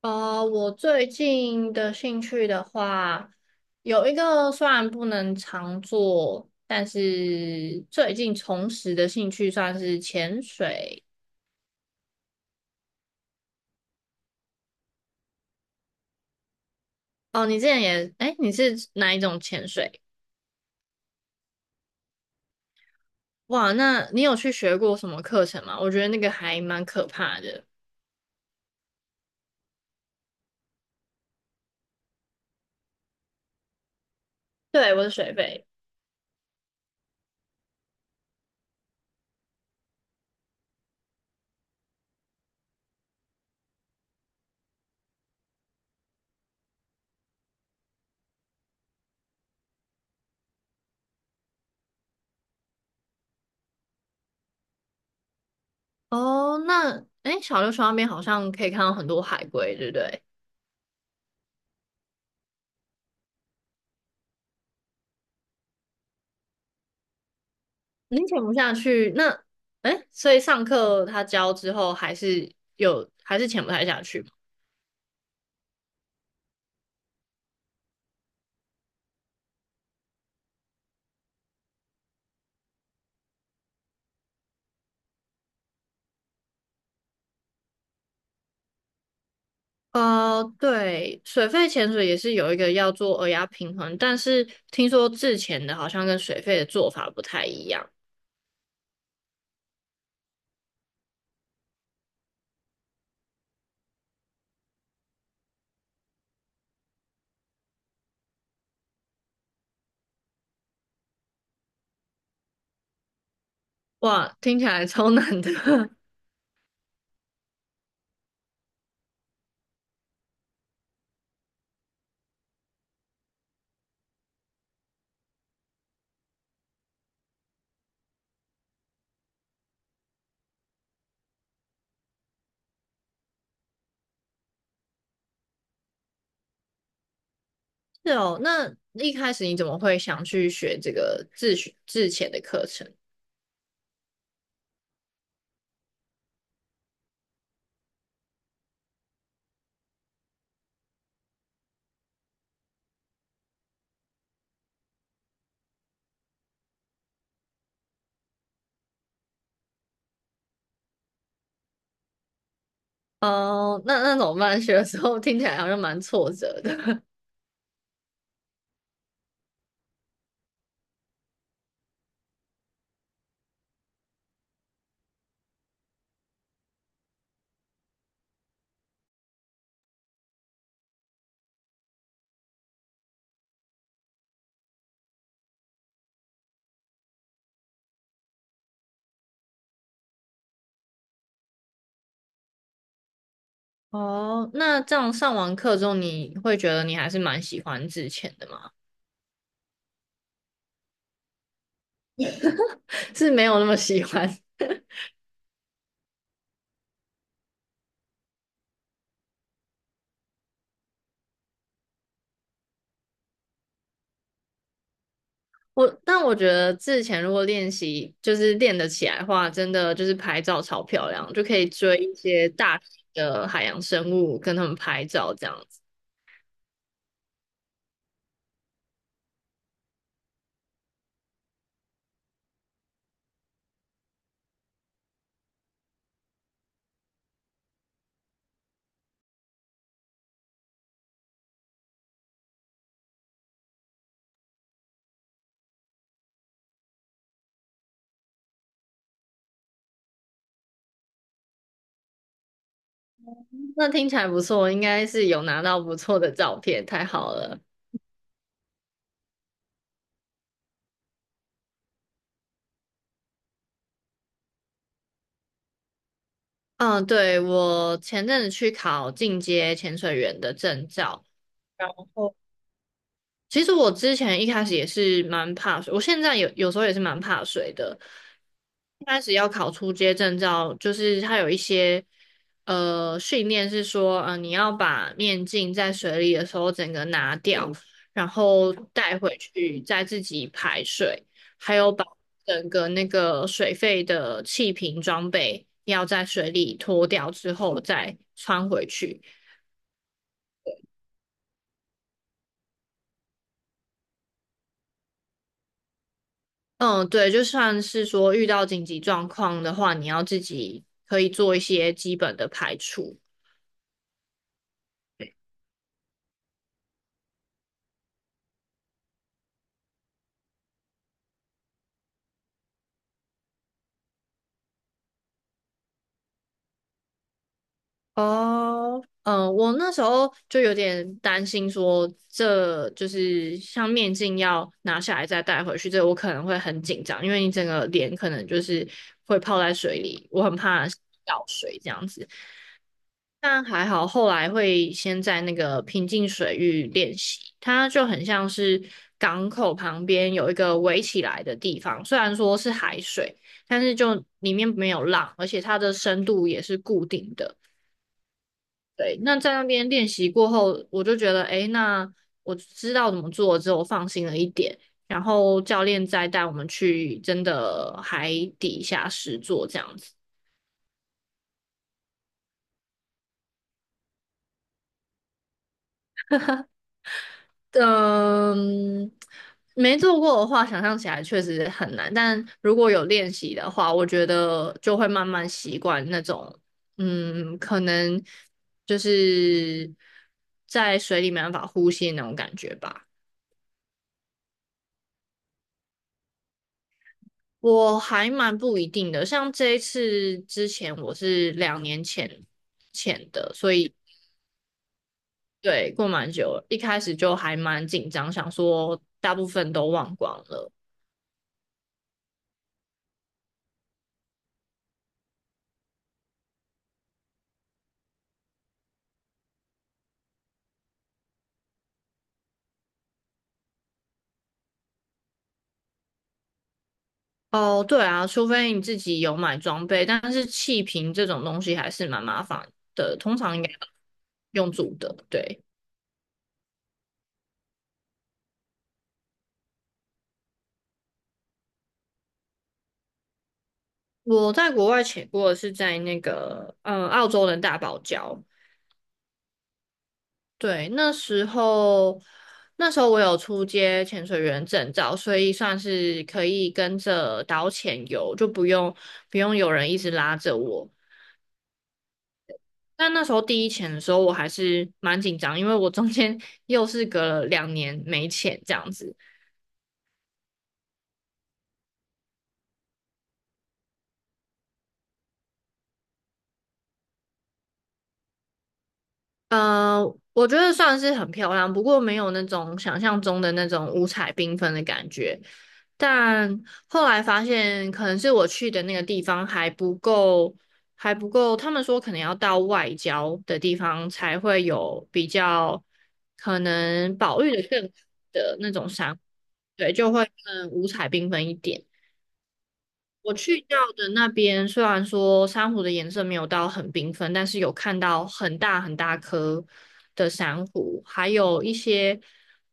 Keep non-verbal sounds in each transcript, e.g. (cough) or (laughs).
我最近的兴趣的话，有一个虽然不能常做，但是最近重拾的兴趣算是潜水。哦，你之前也，哎，你是哪一种潜水？哇，那你有去学过什么课程吗？我觉得那个还蛮可怕的。对，我是水肺。哦，那，哎，小琉球那边好像可以看到很多海龟，对不对？你潜不下去，那哎，所以上课他教之后还是有还是潜不太下去吗？对，水肺潜水也是有一个要做耳压平衡，但是听说自潜的好像跟水肺的做法不太一样。哇，听起来超难的。(laughs) 是哦，那一开始你怎么会想去学这个自学自潜的课程？哦、那那怎么办？学的时候听起来好像蛮挫折的。哦，那这样上完课之后，你会觉得你还是蛮喜欢之前的吗？(laughs) 是没有那么喜欢。我，但我觉得之前如果练习就是练得起来的话，真的就是拍照超漂亮，就可以追一些大型的海洋生物，跟他们拍照这样子。那听起来不错，应该是有拿到不错的照片，太好了。嗯，对，我前阵子去考进阶潜水员的证照。然后其实我之前一开始也是蛮怕水，我现在有时候也是蛮怕水的。一开始要考出街证照，就是它有一些训练是说，你要把面镜在水里的时候整个拿掉，然后带回去再自己排水，还有把整个那个水费的气瓶装备要在水里脱掉之后再穿回去。嗯，对，就算是说遇到紧急状况的话，你要自己可以做一些基本的排除。哦，嗯，我那时候就有点担心说，这就是像面镜要拿下来再戴回去，这我可能会很紧张，因为你整个脸可能就是会泡在水里，我很怕掉水这样子。但还好，后来会先在那个平静水域练习，它就很像是港口旁边有一个围起来的地方，虽然说是海水，但是就里面没有浪，而且它的深度也是固定的。对，那在那边练习过后，我就觉得，诶，那我知道怎么做之后，我放心了一点。然后教练再带我们去真的海底下实做这样子。嗯，没做过的话，想象起来确实很难。但如果有练习的话，我觉得就会慢慢习惯那种，嗯，可能就是在水里没办法呼吸的那种感觉吧。我还蛮不一定的，像这一次之前我是两年前的，所以对，过蛮久了，一开始就还蛮紧张，想说大部分都忘光了。哦，对啊，除非你自己有买装备，但是气瓶这种东西还是蛮麻烦的，通常应该用住的。对，我在国外潜过的是在那个嗯澳洲的大堡礁，对，那时候我有出街潜水员证照，所以算是可以跟着导潜游，就不用有人一直拉着我。但那时候第一潜的时候，我还是蛮紧张，因为我中间 (laughs) 又是隔了2年没潜这样子。呃，我觉得算是很漂亮，不过没有那种想象中的那种五彩缤纷的感觉。但后来发现，可能是我去的那个地方还不够，还不够。他们说可能要到外郊的地方才会有比较可能保育的更好的那种山，对，就会更五彩缤纷一点。我去到的那边，虽然说珊瑚的颜色没有到很缤纷，但是有看到很大很大颗的珊瑚，还有一些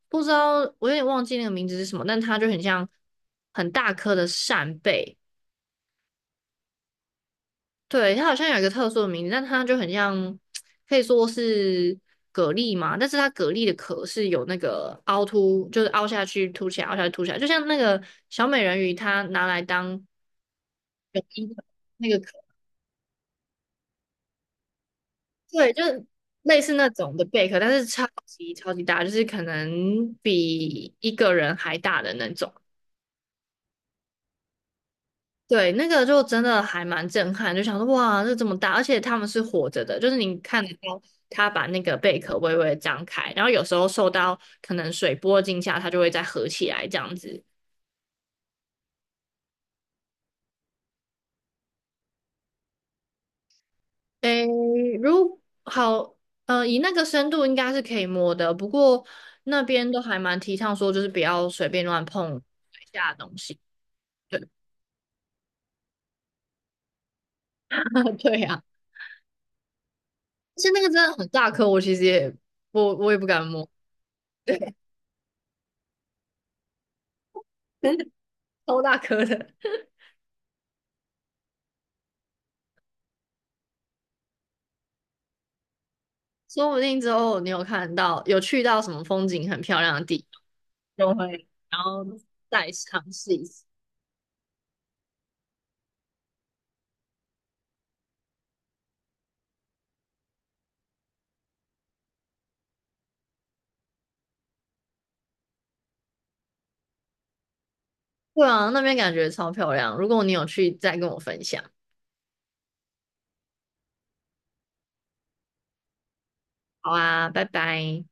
不知道，我有点忘记那个名字是什么，但它就很像很大颗的扇贝，对，它好像有一个特殊的名字，但它就很像，可以说是蛤蜊嘛，但是它蛤蜊的壳是有那个凹凸，就是凹下去凸起来，凹下去凸起来，就像那个小美人鱼，它拿来当泳衣的。那个对，就是类似那种的贝壳，但是超级超级大，就是可能比一个人还大的那种。对，那个就真的还蛮震撼，就想说哇，这么大，而且他们是活着的，就是你看得到它把那个贝壳微微地张开，然后有时候受到可能水波惊吓，它就会再合起来这样子。诶，如好，以那个深度应该是可以摸的，不过那边都还蛮提倡说，就是不要随便乱碰水下的东西。对 (laughs) 对呀、啊而且那个真的很大颗，我其实也我也不敢摸，对，(laughs) 超大颗的。说不定之后你有看到有去到什么风景很漂亮的地方，就会然后再尝试一次。对啊，那边感觉超漂亮。如果你有去，再跟我分享。好啊，拜拜。